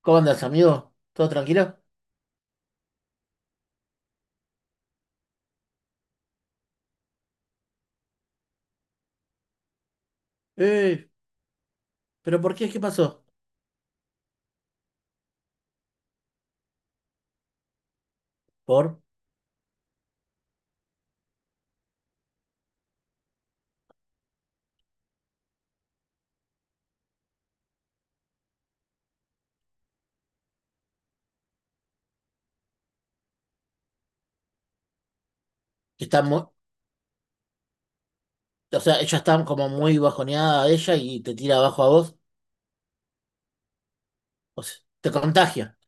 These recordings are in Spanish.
¿Cómo andas, amigo? ¿Todo tranquilo? Eh, ¿Pero por qué? ¿Qué pasó? ¿Por? Está muy, o sea, ella está como muy bajoneada ella y te tira abajo a vos. O sea, te contagia.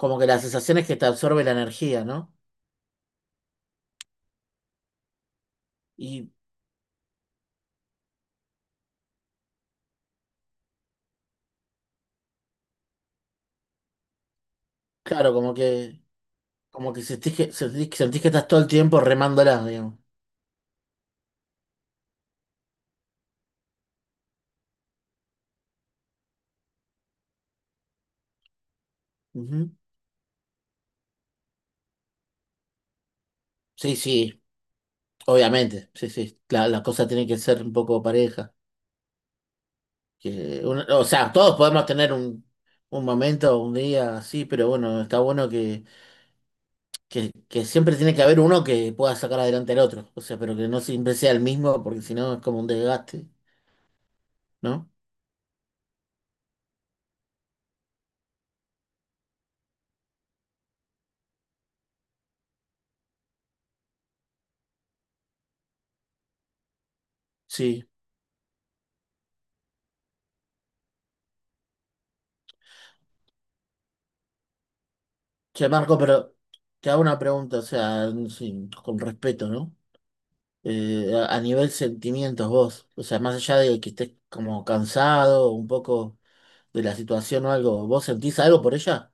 Como que la sensación es que te absorbe la energía, ¿no? Y claro, como que sentís que sentís que estás todo el tiempo remándola, digamos. Ujú. Sí, sí, obviamente. Sí, sí. La cosa tiene que ser un poco pareja. O sea, todos podemos tener un momento, un día así, pero bueno, está bueno que siempre tiene que haber uno que pueda sacar adelante al otro. O sea, pero que no siempre sea el mismo, porque si no es como un desgaste, ¿no? Sí. Che, Marco, pero te hago una pregunta, o sea, con respeto, ¿no? A nivel sentimientos vos, o sea, más allá de que estés como cansado un poco de la situación o algo, ¿vos sentís algo por ella?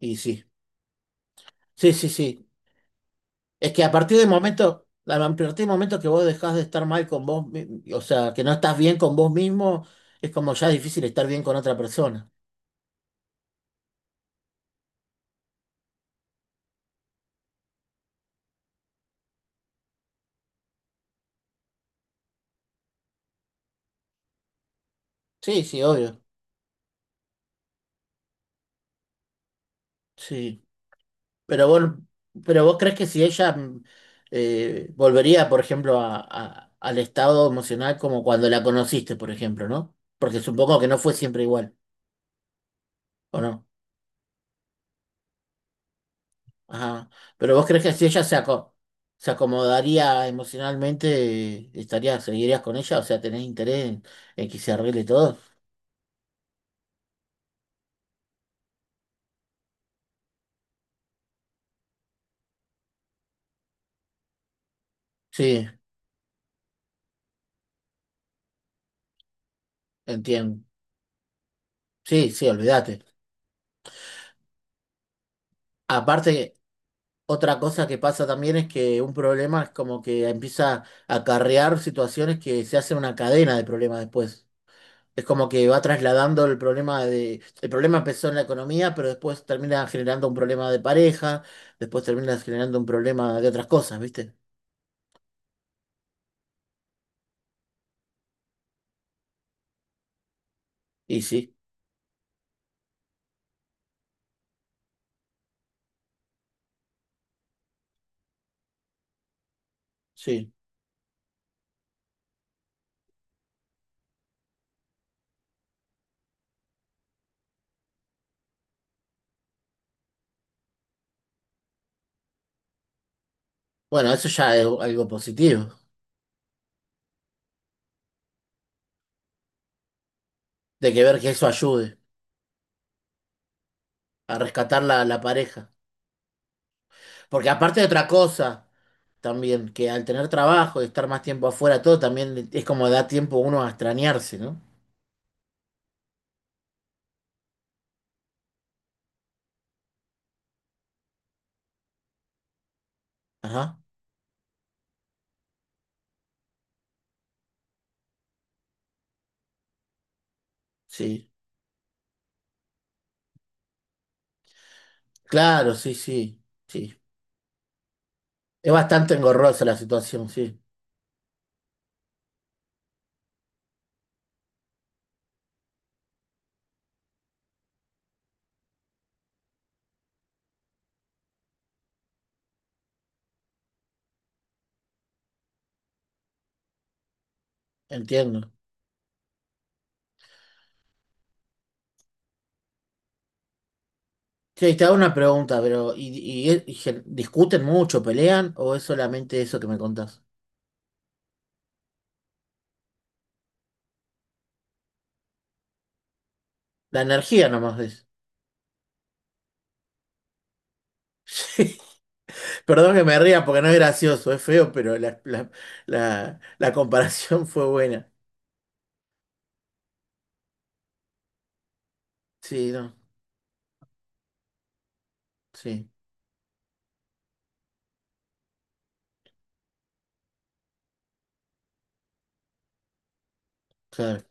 Y sí. Sí, sí, sí. Es que a partir del momento, a partir del momento que vos dejás de estar mal con vos, o sea, que no estás bien con vos mismo, es como ya difícil estar bien con otra persona. Sí, sí, obvio. Sí. Pero vos, pero vos crees que si ella volvería, por ejemplo, al estado emocional como cuando la conociste, por ejemplo, ¿no? Porque supongo que no fue siempre igual, ¿o no? Ajá. Pero vos crees que si ella se acomodaría emocionalmente, estaría seguirías con ella, o sea, tenés interés en que se arregle todo. Sí, entiendo. Sí, sí, olvídate. Aparte, otra cosa que pasa también es que un problema es como que empieza a acarrear situaciones que se hace una cadena de problemas después. Es como que va trasladando el problema de... El problema empezó en la economía, pero después termina generando un problema de pareja, después termina generando un problema de otras cosas, ¿viste? Y sí, sí. Bueno, eso ya es algo positivo, de que ver que eso ayude a rescatar la pareja. Porque aparte de otra cosa, también, que al tener trabajo y estar más tiempo afuera, todo también es como da tiempo uno a extrañarse, ¿no? Ajá, sí. Claro, sí, sí, sí. Es bastante engorrosa la situación, sí, entiendo. Sí, te hago una pregunta, pero ¿discuten mucho, pelean o es solamente eso que me contás? La energía nomás es. Perdón que me ría porque no es gracioso, es feo, pero la comparación fue buena. Sí, no, sí, claro.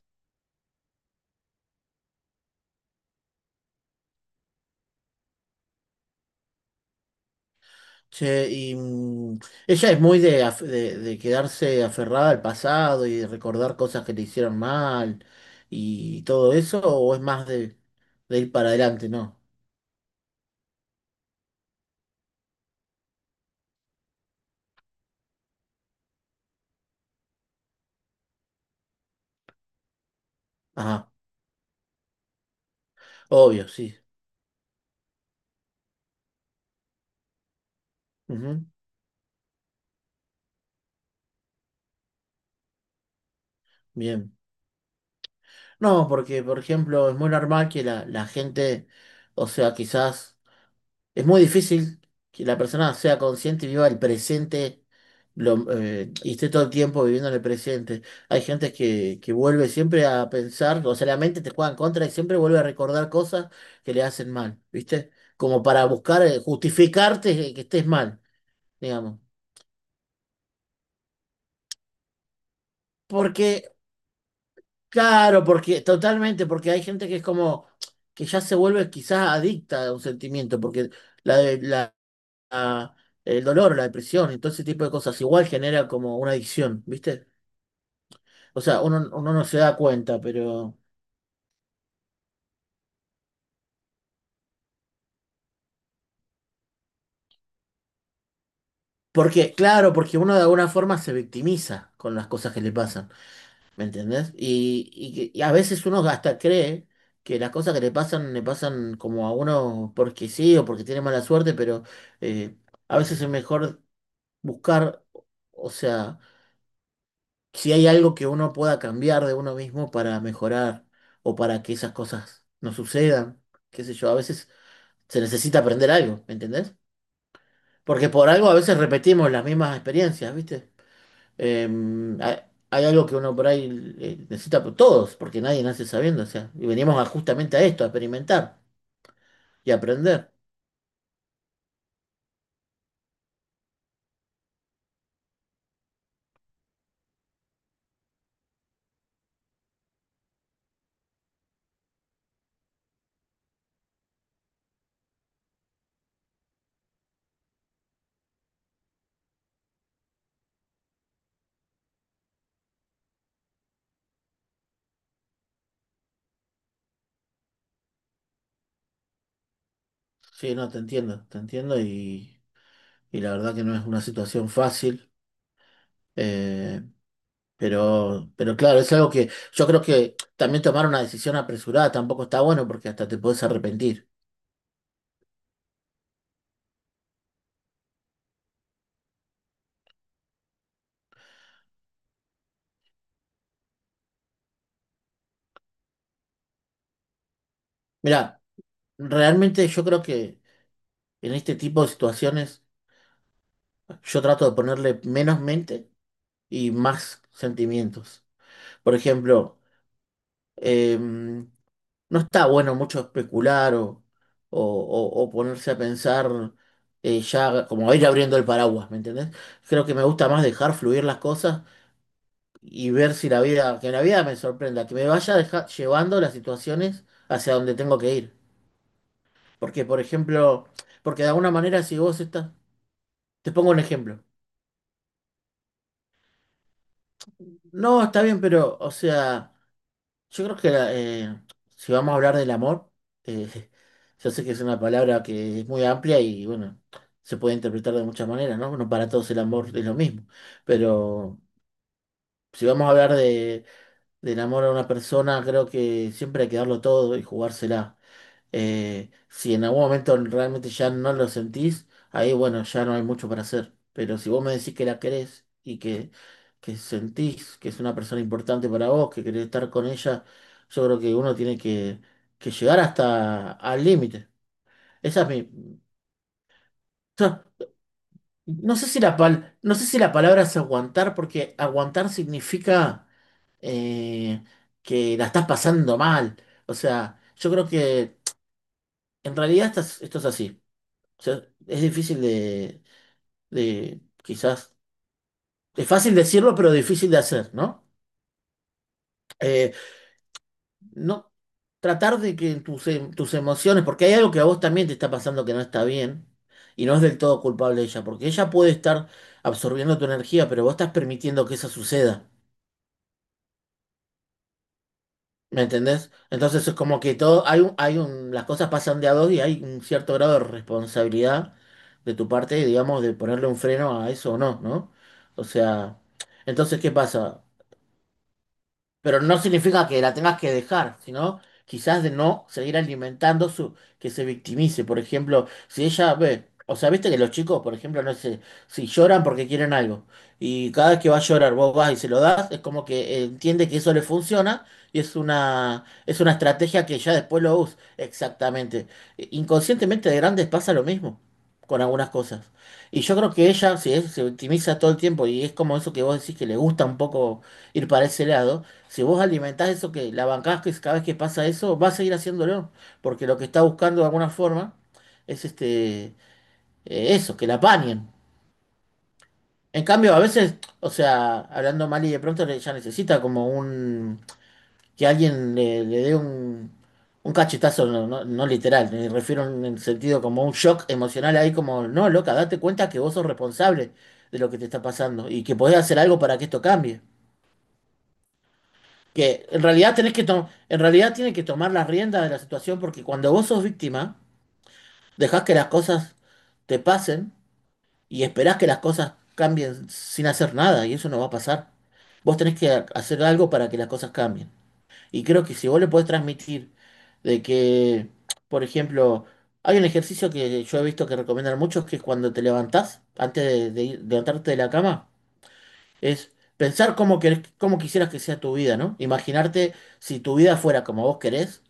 Che, y ella es muy de, de quedarse aferrada al pasado y de recordar cosas que le hicieron mal y todo eso, o es más de ir para adelante, ¿no? Ajá, obvio, sí. Ujú, bien. No, porque, por ejemplo, es muy normal que la gente, o sea, quizás. Es muy difícil que la persona sea consciente y viva el presente y esté todo el tiempo viviendo en el presente. Hay gente que vuelve siempre a pensar, o sea, la mente te juega en contra y siempre vuelve a recordar cosas que le hacen mal, ¿viste? Como para buscar, justificarte que estés mal, digamos. Porque, claro, porque, totalmente, porque hay gente que es como, que ya se vuelve quizás adicta a un sentimiento, porque la la- el dolor, la depresión y todo ese tipo de cosas. Igual genera como una adicción, ¿viste? O sea, uno no se da cuenta, pero... Porque, claro, porque uno de alguna forma se victimiza con las cosas que le pasan, ¿me entendés? Y a veces uno hasta cree que las cosas que le pasan como a uno porque sí o porque tiene mala suerte, pero eh, a veces es mejor buscar, o sea... si hay algo que uno pueda cambiar de uno mismo para mejorar o para que esas cosas no sucedan, qué sé yo, a veces se necesita aprender algo, ¿me entendés? Porque por algo a veces repetimos las mismas experiencias, ¿viste? Eh, hay, hay algo que uno por ahí necesita, por todos, porque nadie nace sabiendo, o sea, y justamente a esto, a experimentar y aprender. Sí, no, te entiendo y la verdad que no es una situación fácil. Eh, pero claro, es algo que yo creo que también tomar una decisión apresurada tampoco está bueno porque hasta te puedes arrepentir. Mira, realmente yo creo que en este tipo de situaciones yo trato de ponerle menos mente y más sentimientos. Por ejemplo, em, no está bueno mucho especular o ponerse a pensar ya como ir abriendo el paraguas, ¿me entendés? Creo que me gusta más dejar fluir las cosas y ver si la vida, que la vida me sorprenda, que me vaya llevando las situaciones hacia donde tengo que ir. Porque, por ejemplo, porque de alguna manera si vos estás, te pongo un ejemplo. No, está bien, pero, o sea, yo creo que si vamos a hablar del amor, eh, yo sé que es una palabra que es muy amplia y bueno, se puede interpretar de muchas maneras, ¿no? No para todos el amor es lo mismo, pero si vamos a hablar de, del amor a una persona, creo que siempre hay que darlo todo y jugársela. Si en algún momento realmente ya no lo sentís, ahí bueno, ya no hay mucho para hacer. Pero si vos me decís que la querés y que sentís que es una persona importante para vos, que querés estar con ella, yo creo que uno tiene que llegar hasta al límite. Esa es mi... Yo no sé si la palabra es aguantar, porque aguantar significa eh, que la estás pasando mal. O sea, yo creo que en esto es así. O sea, es difícil de quizás, es fácil decirlo, pero difícil de hacer, ¿no? Eh, no, tratar de que tus, tus emociones, porque hay algo que a vos también te está pasando que no está bien, y no es del todo culpable ella, porque ella puede estar absorbiendo tu energía, pero vos estás permitiendo que eso suceda, ¿me entendés? Entonces es como que todo, las cosas pasan de a dos y hay un cierto grado de responsabilidad de tu parte, digamos, de ponerle un freno a eso o no, ¿no? O sea, entonces, ¿qué pasa? Pero no significa que la tengas que dejar, sino quizás de no seguir alimentando su, que se victimice. Por ejemplo, si ella ve, o sea, viste que los chicos, por ejemplo, no sé, si lloran porque quieren algo, y cada vez que va a llorar vos vas y se lo das, es como que entiende que eso le funciona y es una estrategia que ya después lo usa. Exactamente. E, inconscientemente de grandes pasa lo mismo con algunas cosas. Y yo creo que ella, si es- se victimiza todo el tiempo y es como eso que vos decís que le gusta un poco ir para ese lado, si vos alimentás eso, que la bancás que cada vez que pasa eso, va a seguir haciéndolo, porque lo que está buscando de alguna forma es eso, que la apañen. En cambio, a veces, o sea, hablando mal y de pronto ya necesita como un que alguien le dé un cachetazo, no literal, me refiero en el sentido como un shock emocional ahí como, no, loca, date cuenta que vos sos responsable de lo que te está pasando y que podés hacer algo para que esto cambie. Que en realidad en realidad tiene que tomar las riendas de la situación porque cuando vos sos víctima, dejás que las cosas te pasen y esperás que las cosas cambien sin hacer nada y eso no va a pasar. Vos tenés que hacer algo para que las cosas cambien. Y creo que si vos le podés transmitir de que, por ejemplo, hay un ejercicio que yo he visto que recomiendan muchos que es cuando te levantás, antes de, de levantarte de la cama, es pensar cómo querés, cómo quisieras que sea tu vida, ¿no? Imaginarte si tu vida fuera como vos querés,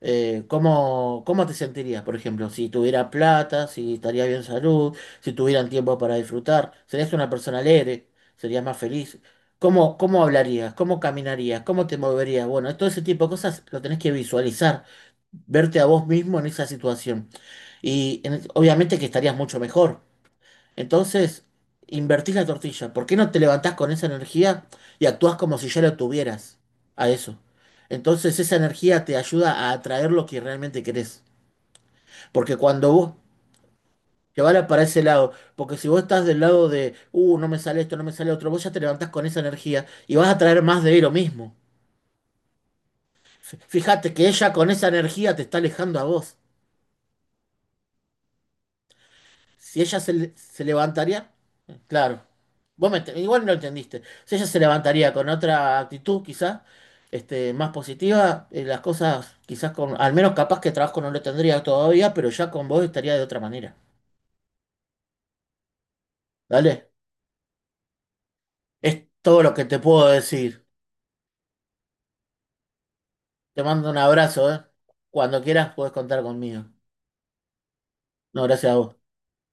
cómo, cómo te sentirías, por ejemplo, si tuviera plata, si estaría bien salud, si tuvieran tiempo para disfrutar, serías una persona alegre, serías más feliz. ¿Cómo, cómo hablarías? ¿Cómo caminarías? ¿Cómo te moverías? Bueno, todo ese tipo de cosas lo tenés que visualizar, verte a vos mismo en esa situación. Y obviamente que estarías mucho mejor. Entonces, invertís la tortilla. ¿Por qué no te levantás con esa energía y actúas como si ya la tuvieras a eso? Entonces, esa energía te ayuda a atraer lo que realmente querés. Porque cuando vos te vas para ese lado, porque si vos estás del lado de, no me sale esto, no me sale otro, vos ya te levantás con esa energía y vas a traer más de lo mismo. Fíjate que ella con esa energía te está alejando a vos. Si ella se levantaría, claro, igual no entendiste. Si ella se levantaría con otra actitud, quizás, este, más positiva, las cosas, quizás con, al menos capaz que trabajo no lo tendría todavía, pero ya con vos estaría de otra manera. Dale, es todo lo que te puedo decir. Te mando un abrazo, ¿eh? Cuando quieras, podés contar conmigo. No, gracias a vos.